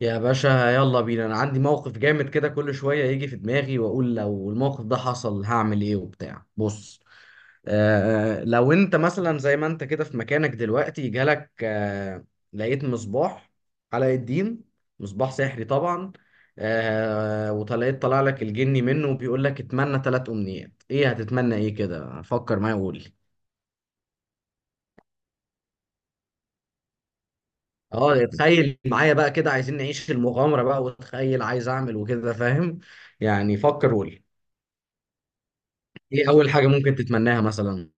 يا باشا يلا بينا. انا عندي موقف جامد كده، كل شويه يجي في دماغي واقول لو الموقف ده حصل هعمل ايه وبتاع. بص، لو انت مثلا زي ما انت كده في مكانك دلوقتي جالك لقيت مصباح علاء الدين، مصباح سحري طبعا. وطلعت طلع لك الجني منه وبيقول لك اتمنى ثلاث امنيات، ايه هتتمنى؟ ايه كده؟ فكر معايا وقول لي. اه تخيل معايا بقى كده، عايزين نعيش في المغامره بقى، وتخيل عايز اعمل وكده، فاهم؟ يعني فكر وقول لي ايه اول حاجه ممكن تتمناها مثلا.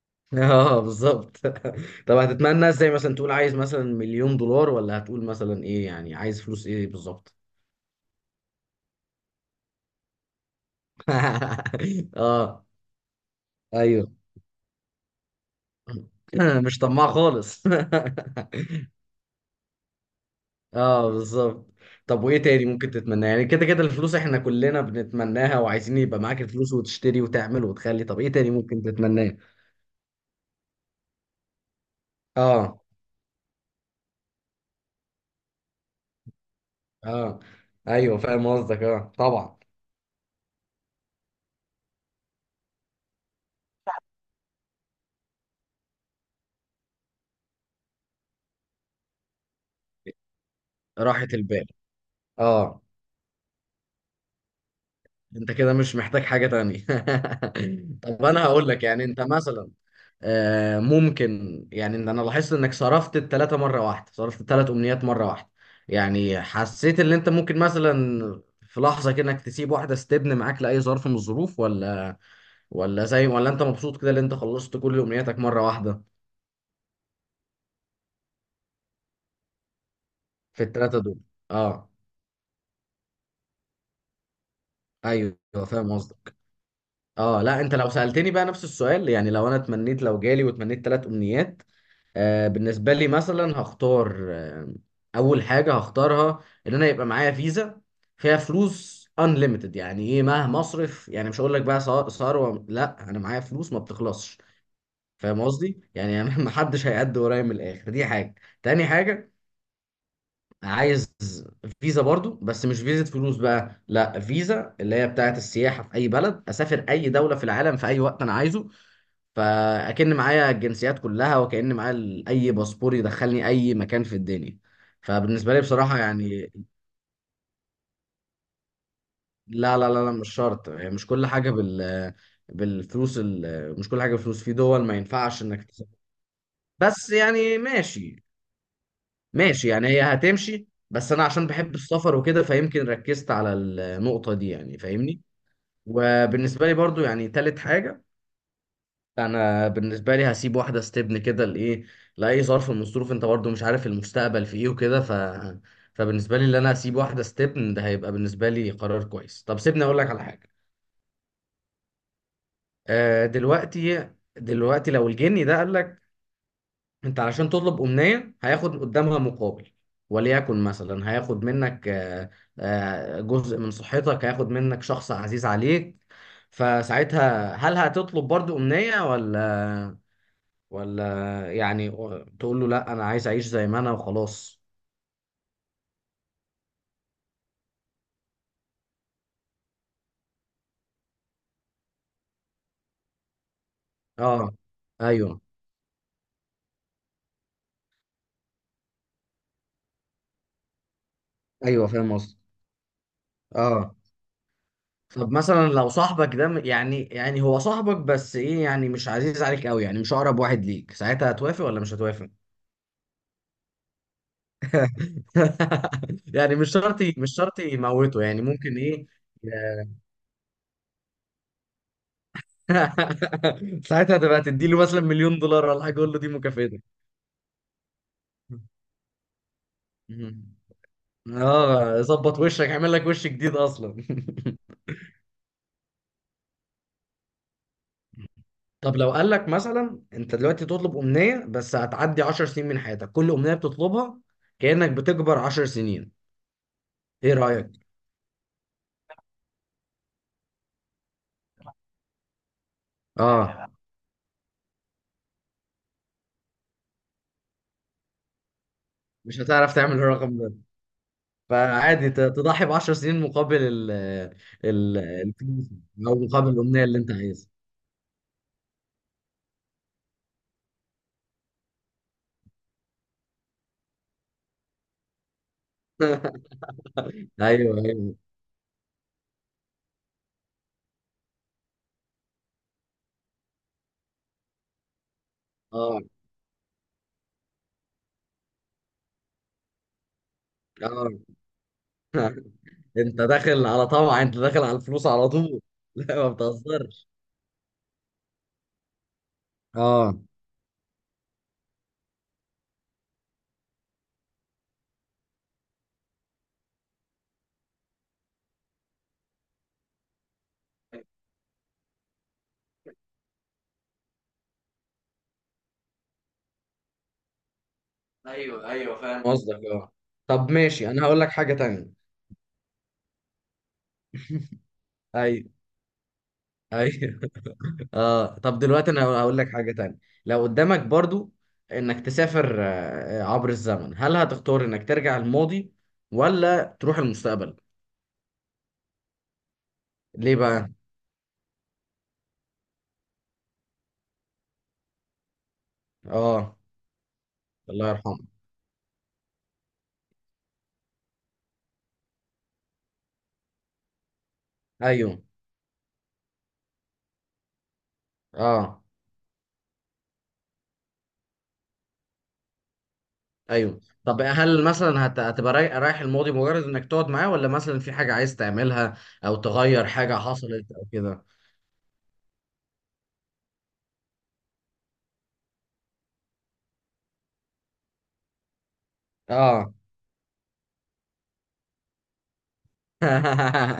اه بالظبط. طب هتتمنى ازاي؟ مثلا تقول عايز مثلا مليون دولار، ولا هتقول مثلا ايه؟ يعني عايز فلوس ايه بالظبط؟ اه ايوه. مش طماع خالص. اه بالظبط. طب وايه تاني ممكن تتمناه؟ يعني كده كده الفلوس احنا كلنا بنتمناها، وعايزين يبقى معاك الفلوس وتشتري وتعمل وتخلي، طب ايه تاني ممكن تتمناه؟ اه اه ايوه فاهم قصدك، اه طبعا. راحة البال. اه انت كده مش محتاج حاجة تانية. طب انا هقول لك يعني انت مثلا، ممكن يعني ان انا لاحظت انك صرفت التلاتة مرة واحدة، صرفت التلات امنيات مرة واحدة. يعني حسيت ان انت ممكن مثلا في لحظة كده انك تسيب واحدة ستبن معاك لأي ظرف من الظروف، ولا زي، ولا انت مبسوط كده ان انت خلصت كل امنياتك مرة واحدة؟ في التلاتة دول. اه ايوه فاهم قصدك. اه لا انت لو سألتني بقى نفس السؤال، يعني لو انا اتمنيت، لو جالي واتمنيت تلات امنيات، بالنسبة لي مثلا هختار أول حاجة هختارها إن أنا يبقى معايا فيزا فيها فلوس unlimited. يعني إيه؟ مهما أصرف، يعني مش هقول لك بقى ثروة، لا أنا معايا فلوس ما بتخلصش. فاهم قصدي؟ يعني أنا محدش هيعد ورايا، من الآخر دي حاجة. تاني حاجة، عايز فيزا برضو، بس مش فيزا فلوس بقى، لا فيزا اللي هي بتاعت السياحة، في أي بلد أسافر، أي دولة في العالم في أي وقت أنا عايزه. فاكن معايا الجنسيات كلها، وكأن معايا اي باسبور يدخلني اي مكان في الدنيا. فبالنسبه لي بصراحه يعني، لا مش شرط، يعني مش كل حاجه مش كل حاجه بالفلوس، في دول ما ينفعش انك تسافر. بس يعني ماشي، ماشي يعني هي هتمشي، بس انا عشان بحب السفر وكده فيمكن ركزت على النقطه دي، يعني فاهمني. وبالنسبه لي برضو يعني تالت حاجه، انا بالنسبه لي هسيب واحده ستبن كده لايه، لاي ظرف من الظروف، انت برضو مش عارف المستقبل في ايه وكده، فبالنسبه لي اللي انا هسيب واحده ستبن ده هيبقى بالنسبه لي قرار كويس. طب سيبني اقول لك على حاجه. آه دلوقتي، دلوقتي لو الجني ده قال لك انت علشان تطلب امنيه هياخد قدامها مقابل، وليكن مثلا هياخد منك جزء من صحتك، هياخد منك شخص عزيز عليك، فساعتها هل هتطلب برضو امنيه، ولا يعني تقول له لا انا عايز اعيش زي ما انا وخلاص؟ اه ايوه ايوه فاهم قصدي. اه طب مثلا لو صاحبك ده يعني، يعني هو صاحبك بس ايه، يعني مش عزيز عليك قوي، يعني مش اقرب واحد ليك، ساعتها هتوافق ولا مش هتوافق؟ يعني مش شرط، مش شرط يموته، يعني ممكن ايه. ساعتها تبقى تديله مثلا مليون دولار ولا حاجه، قول له دي مكافأتك. اه ظبط وشك، اعمل لك وش جديد اصلا. طب لو قال لك مثلا انت دلوقتي تطلب امنيه بس هتعدي 10 سنين من حياتك كل امنيه بتطلبها، كانك بتكبر 10 سنين، ايه رايك؟ اه مش هتعرف تعمل الرقم ده، فعادي تضحي ب 10 سنين مقابل ال الفلوس، او مقابل الامنيه اللي انت عايزها. ايوه ايوه اه اه. انت داخل على طمع، انت داخل على الفلوس على طول. لا ما بتهزرش. اه ايوه ايوه فاهم قصدك. اه طب ماشي، انا هقول لك حاجه تانية. ايوه ايوه. اه طب دلوقتي انا هقول لك حاجة تانية، لو قدامك برضو انك تسافر عبر الزمن، هل هتختار انك ترجع الماضي ولا تروح المستقبل؟ ليه بقى؟ اه الله يرحمه. ايوه اه ايوه. طب هل مثلا هتبقى رايح الماضي مجرد انك تقعد معاه، ولا مثلا في حاجة عايز تعملها او تغير حاجة حصلت او كده؟ اه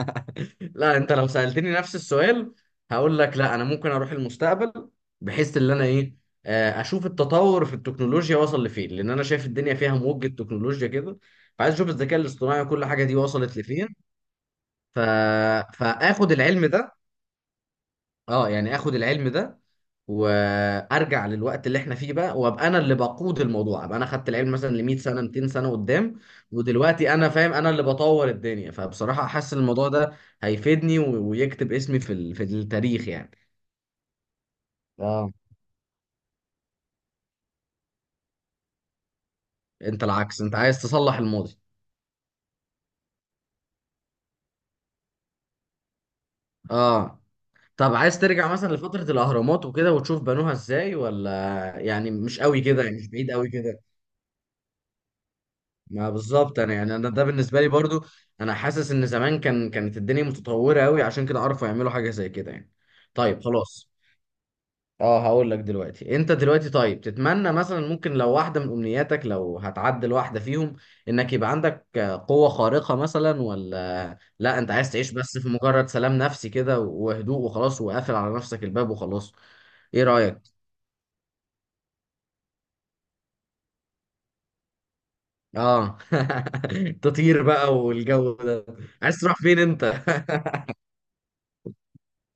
لا انت لو سألتني نفس السؤال هقول لك لا انا ممكن اروح المستقبل، بحيث ان انا ايه، اشوف التطور في التكنولوجيا وصل لفين، لان انا شايف الدنيا فيها موجة تكنولوجيا كده، فعايز اشوف الذكاء الاصطناعي وكل حاجة دي وصلت لفين. ف... فاخد العلم ده، اه يعني اخد العلم ده وارجع للوقت اللي احنا فيه بقى، وابقى انا اللي بقود الموضوع، ابقى انا خدت العلم مثلا ل 100 سنه 200 سنه قدام، ودلوقتي انا فاهم، انا اللي بطور الدنيا. فبصراحه حاسس إن الموضوع ده هيفيدني ويكتب اسمي في في التاريخ يعني. اه انت العكس، انت عايز تصلح الماضي. اه طب عايز ترجع مثلا لفتره الاهرامات وكده وتشوف بنوها ازاي ولا؟ يعني مش قوي كده، يعني مش بعيد قوي كده. ما بالظبط، انا يعني انا ده بالنسبه لي برضو، انا حاسس ان زمان كان، كانت الدنيا متطوره قوي، عشان كده عرفوا يعملوا حاجه زي كده يعني. طيب خلاص. اه هقول لك دلوقتي، انت دلوقتي طيب تتمنى مثلا، ممكن لو واحده من امنياتك لو هتعدل واحده فيهم، انك يبقى عندك قوه خارقه مثلا، ولا لا انت عايز تعيش بس في مجرد سلام نفسي كده وهدوء وخلاص وقافل على نفسك الباب وخلاص؟ ايه رايك؟ اه تطير بقى والجو ده. عايز تروح فين انت؟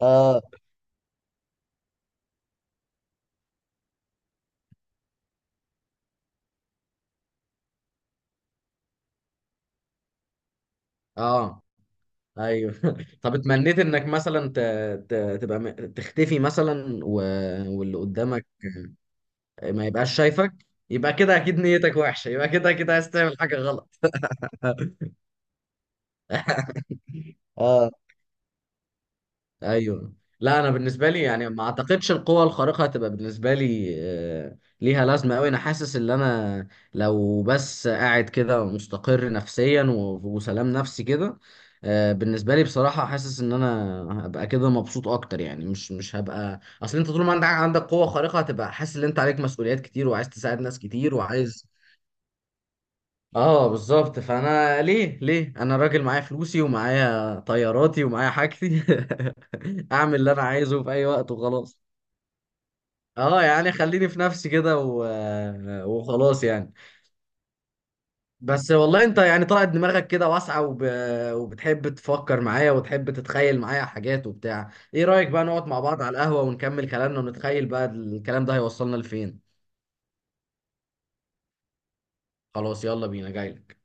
اه اه ايوه. طب اتمنيت انك مثلا ت... تبقى تختفي مثلا، واللي قدامك ما يبقاش شايفك، يبقى كده اكيد نيتك وحشة، يبقى كده اكيد عايز تعمل حاجة غلط. اه ايوه. لا انا بالنسبه لي يعني ما اعتقدش القوه الخارقه هتبقى بالنسبه لي ليها لازمه قوي. انا حاسس ان انا لو بس قاعد كده مستقر نفسيا وسلام نفسي كده، بالنسبه لي بصراحه حاسس ان انا هبقى كده مبسوط اكتر يعني. مش هبقى، اصل انت طول ما عندك قوه خارقه هتبقى حاسس ان انت عليك مسؤوليات كتير، وعايز تساعد ناس كتير وعايز. اه بالظبط، فانا ليه؟ ليه انا راجل معايا فلوسي ومعايا طياراتي ومعايا حاجتي، اعمل اللي انا عايزه في اي وقت وخلاص. اه يعني خليني في نفسي كده وخلاص يعني. بس والله انت يعني طلعت دماغك كده واسعة وبتحب تفكر معايا وتحب تتخيل معايا حاجات وبتاع. ايه رأيك بقى نقعد مع بعض على القهوة ونكمل كلامنا، ونتخيل بقى الكلام ده هيوصلنا لفين؟ خلاص يلا بينا جاي.